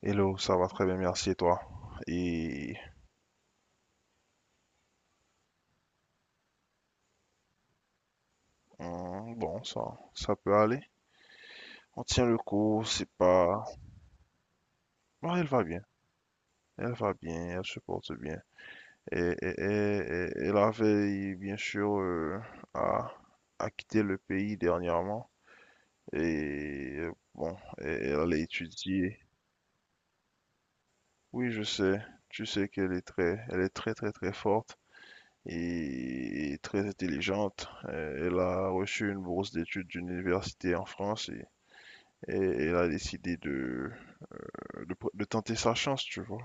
Hello, ça va très bien, merci et toi. Et bon, ça peut aller. On tient le coup, c'est pas. Ah, elle va bien, elle se porte bien. Et, et, et, et la veille, bien sûr, a, a quitté le pays dernièrement. Et bon, et elle allait étudier. Oui, je sais, tu sais elle est très, très, très forte et très intelligente. Elle a reçu une bourse d'études d'une université en France. Et elle a décidé de tenter sa chance, tu vois.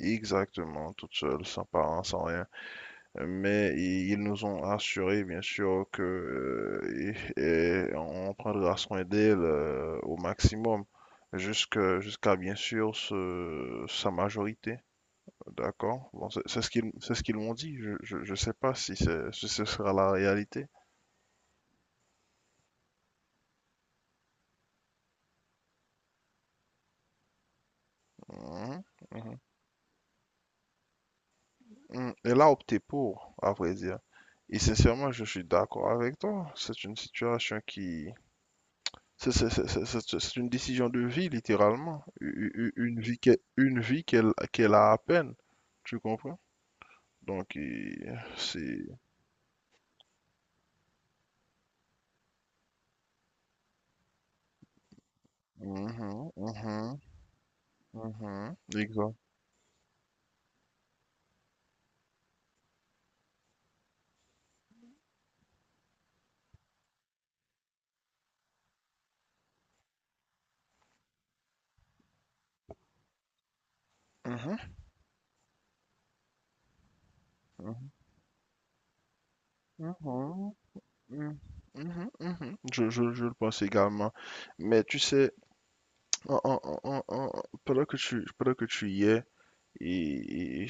Exactement, toute seule, sans parents, sans rien. Mais ils nous ont assuré, bien sûr, que on prendra soin d'elle au maximum, jusqu'à, bien sûr, sa majorité. D'accord? Bon, c'est ce qu'ils m'ont dit. Je sais pas si ce sera la réalité. Mhm, mhm. Elle a opté pour, à vrai dire. Et sincèrement, je suis d'accord avec toi. C'est une situation qui... C'est une décision de vie, littéralement. U- u- une vie qu'elle qu'elle a à peine. Tu comprends? Donc, c'est... Mhm, mhm, mhm, exact. Mhm, mhm, mhm, mhm, mhm. Je le pense également. Mais tu sais, pendant que tu y es. Et, et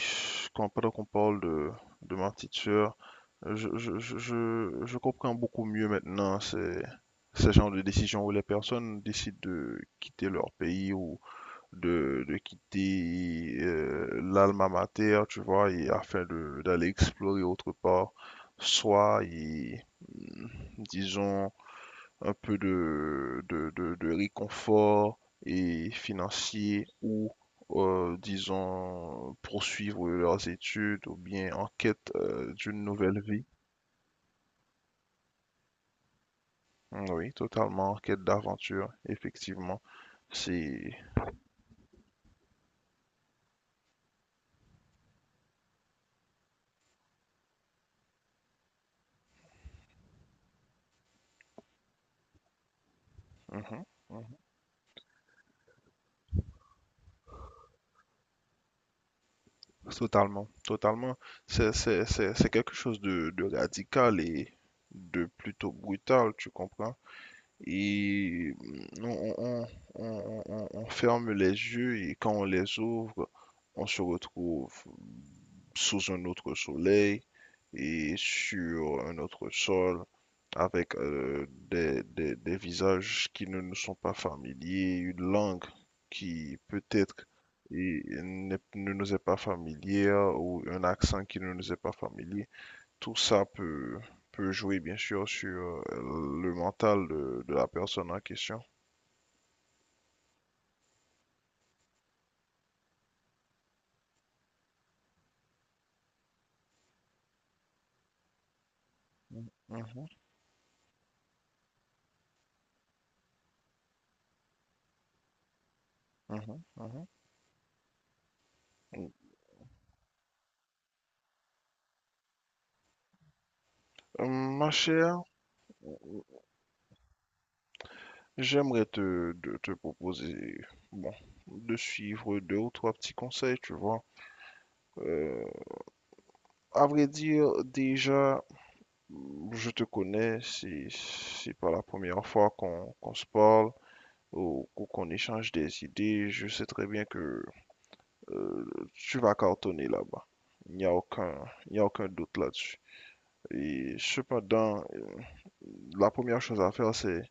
Quand, pendant qu'on parle de ma petite sœur, je comprends beaucoup mieux maintenant ces genre de décisions où les personnes décident de quitter leur pays ou de quitter l'alma mater, tu vois, et afin d'aller explorer autre part, soit, et, mm, disons, un peu de réconfort et financier ou, disons, poursuivre leurs études ou bien en quête d'une nouvelle vie. Oui, totalement en quête d'aventure, effectivement. C'est Mhm, mhm. Totalement, totalement. C'est quelque chose de radical et de plutôt brutal, tu comprends? Et mm, on, on- on ferme les yeux et quand on les ouvre, on se retrouve sous un autre soleil et sur un autre sol avec des visages qui ne nous sont pas familiers, une langue qui peut-être ne nous est pas familière ou un accent qui ne nous est pas familier. Tout ça peut jouer bien sûr sur le mental de la personne en question. Mhm, mhm, mhm. Ma chère, j'aimerais te proposer, bon, de suivre deux ou trois petits conseils, tu vois. Euh, à vrai dire, déjà, je te connais, c'est pas la première fois qu'on se parle ou qu'on échange des idées. Je sais très bien que euh, tu vas cartonner là-bas. Il n'y a aucun doute là-dessus. Et cependant, la première chose à faire, c'est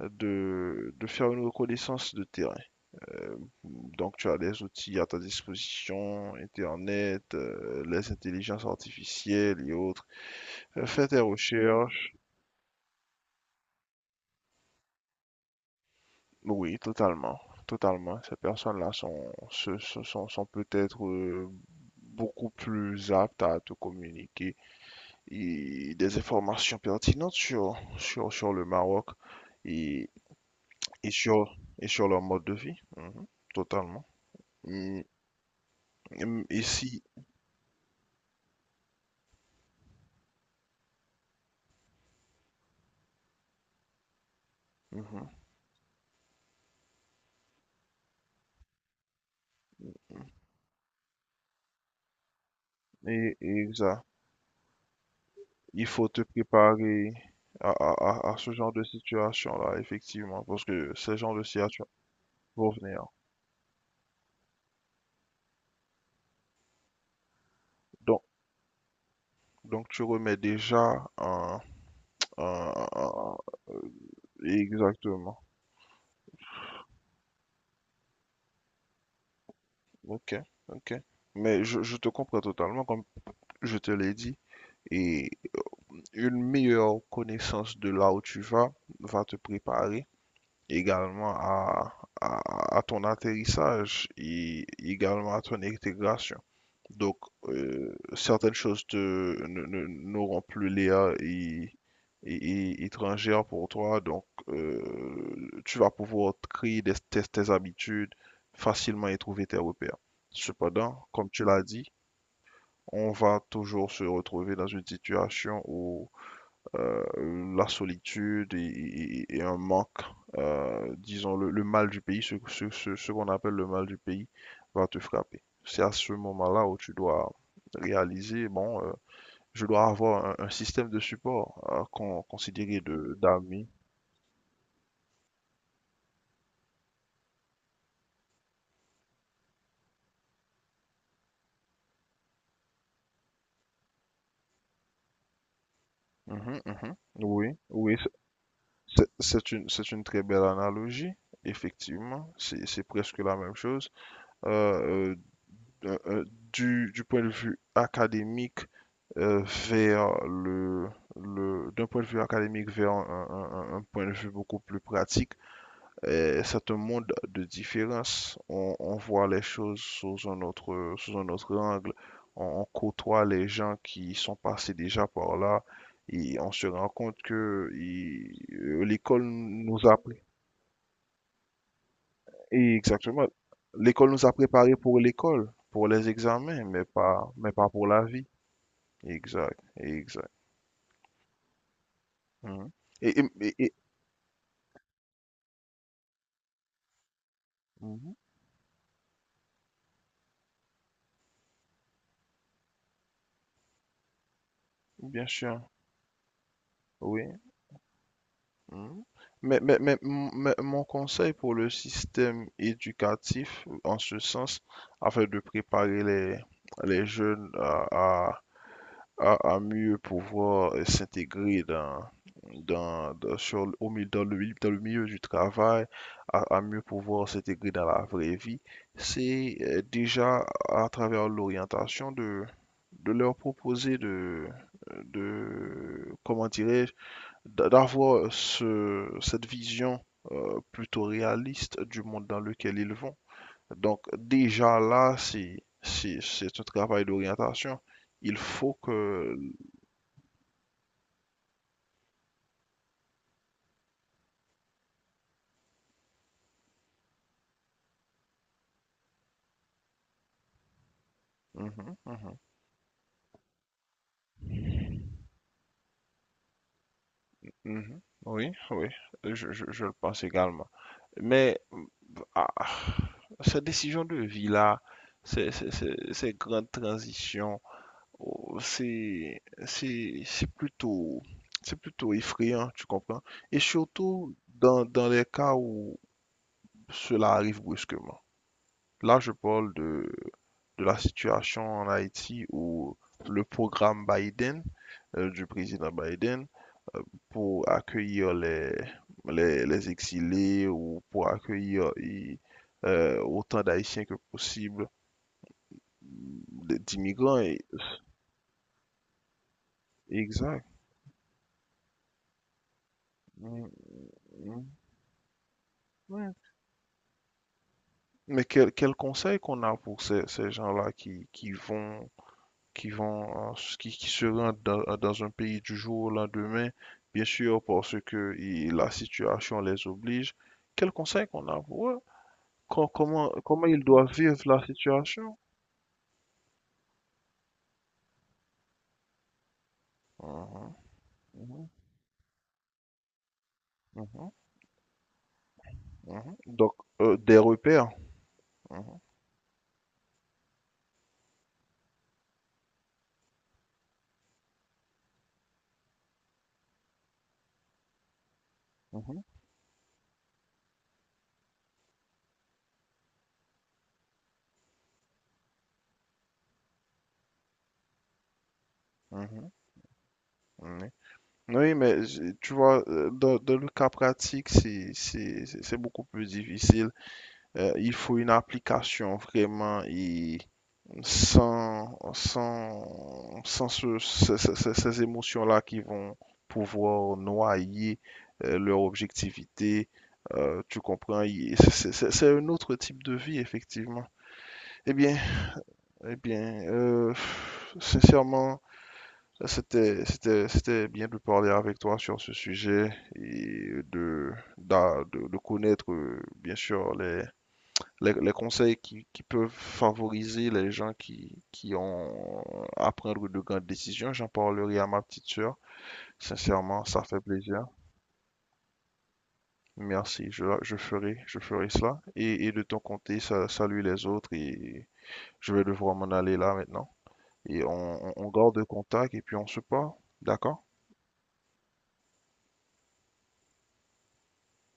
de faire une reconnaissance de terrain. Euh, donc, tu as les outils à ta disposition, Internet, les intelligences artificielles et autres. Fais tes recherches. Oui, totalement. Totalement. Ces personnes-là sont, se- se- sont, sont peut-être beaucoup plus aptes à te communiquer et des informations pertinentes sur le Maroc et, et sur leur mode de vie. Mhm, totalement. Et, et si, mhm, Et ça, il faut te préparer à, à, à ce genre de situation-là, effectivement, parce que ce genre de situation vont venir. Donc, tu remets déjà un. Exactement. Ok, ok. Mais je te comprends totalement, comme je te l'ai dit. Et une meilleure connaissance de là où tu vas va te préparer également à ton atterrissage et également à ton intégration. Donc, certaines choses te, ne- ne- n'auront plus l'air et étrangères pour toi. Donc, tu vas pouvoir créer tes habitudes facilement et trouver tes repères. Cependant, comme tu l'as dit, on va toujours se retrouver dans une situation où euh, la solitude et un manque, disons le mal du pays, ce qu'on appelle le mal du pays, va te frapper. C'est à ce moment-là où tu dois réaliser, bon, je dois avoir un système de support considéré de d'amis. Mhm, mhm. Oui, oui, c'est une très belle analogie, effectivement. C'est presque la même chose. Euh, euh, euh, euh, du point de vue académique euh, vers le, d'un point de vue académique vers un point de vue beaucoup plus pratique, c'est un monde de différence. On voit les choses sous un autre angle. On côtoie les gens qui sont passés déjà par là et on se rend compte que l'école nous a et exactement, l'école nous a préparés pour l'école, pour les examens, mais pas pour la vie. Exact, exact. Mhm. Et, et- et- et- Mhm. Bien sûr, oui. Mhm. Mais, mais mon conseil pour le système éducatif, en ce sens, afin de préparer les jeunes à mieux pouvoir s'intégrer dans, dans, dans- sur, au milieu, dans le milieu du travail, à mieux pouvoir s'intégrer dans la vraie vie, c'est déjà à travers l'orientation de leur proposer de comment dirais-je, d'avoir cette vision plutôt réaliste du monde dans lequel ils vont. Donc déjà là, c'est un travail d'orientation. Il faut que... Mhm, mhm, mhm. Oui, oui, je le pense également. Mais ah, ces décisions de vie-là, ces grandes transitions, oh, c'est, c'est, c'est plutôt, c'est plutôt effrayant, tu comprends? Et surtout dans les cas où cela arrive brusquement. Là, je parle de la situation en Haïti où le programme Biden, du président Biden, euh, pour accueillir les exilés ou pour accueillir autant d'Haïtiens que possible, d'immigrants. Exact. Mm, mm, ouais. Mais quel conseil qu'on a pour ces gens-là qui vont, euh, qui se rendent dans un pays du jour au lendemain, bien sûr, parce que la situation les oblige. Quel conseil qu'on a pour eux? Comment, ils doivent vivre la situation? Mhm, mhm, mhm, mhm. Donc, des repères. Mhm, mhm, mhm, oui. Oui, mais tu vois, dans, dans le cas pratique, c'est beaucoup plus difficile. Il faut une application vraiment et, sans ces émotions-là qui vont pouvoir noyer leur objectivité. Tu comprends, c'est un autre type de vie, effectivement. Eh bien, eh bien, euh, sincèrement, c'était bien de parler avec toi sur ce sujet et de connaître, bien sûr, les conseils qui peuvent favoriser les gens qui ont à prendre de grandes décisions. J'en parlerai à ma petite sœur. Sincèrement, ça fait plaisir. Merci, je ferai cela. Et de ton côté, salut les autres et je vais devoir m'en aller là maintenant. Et on garde contact et puis on se parle. D'accord?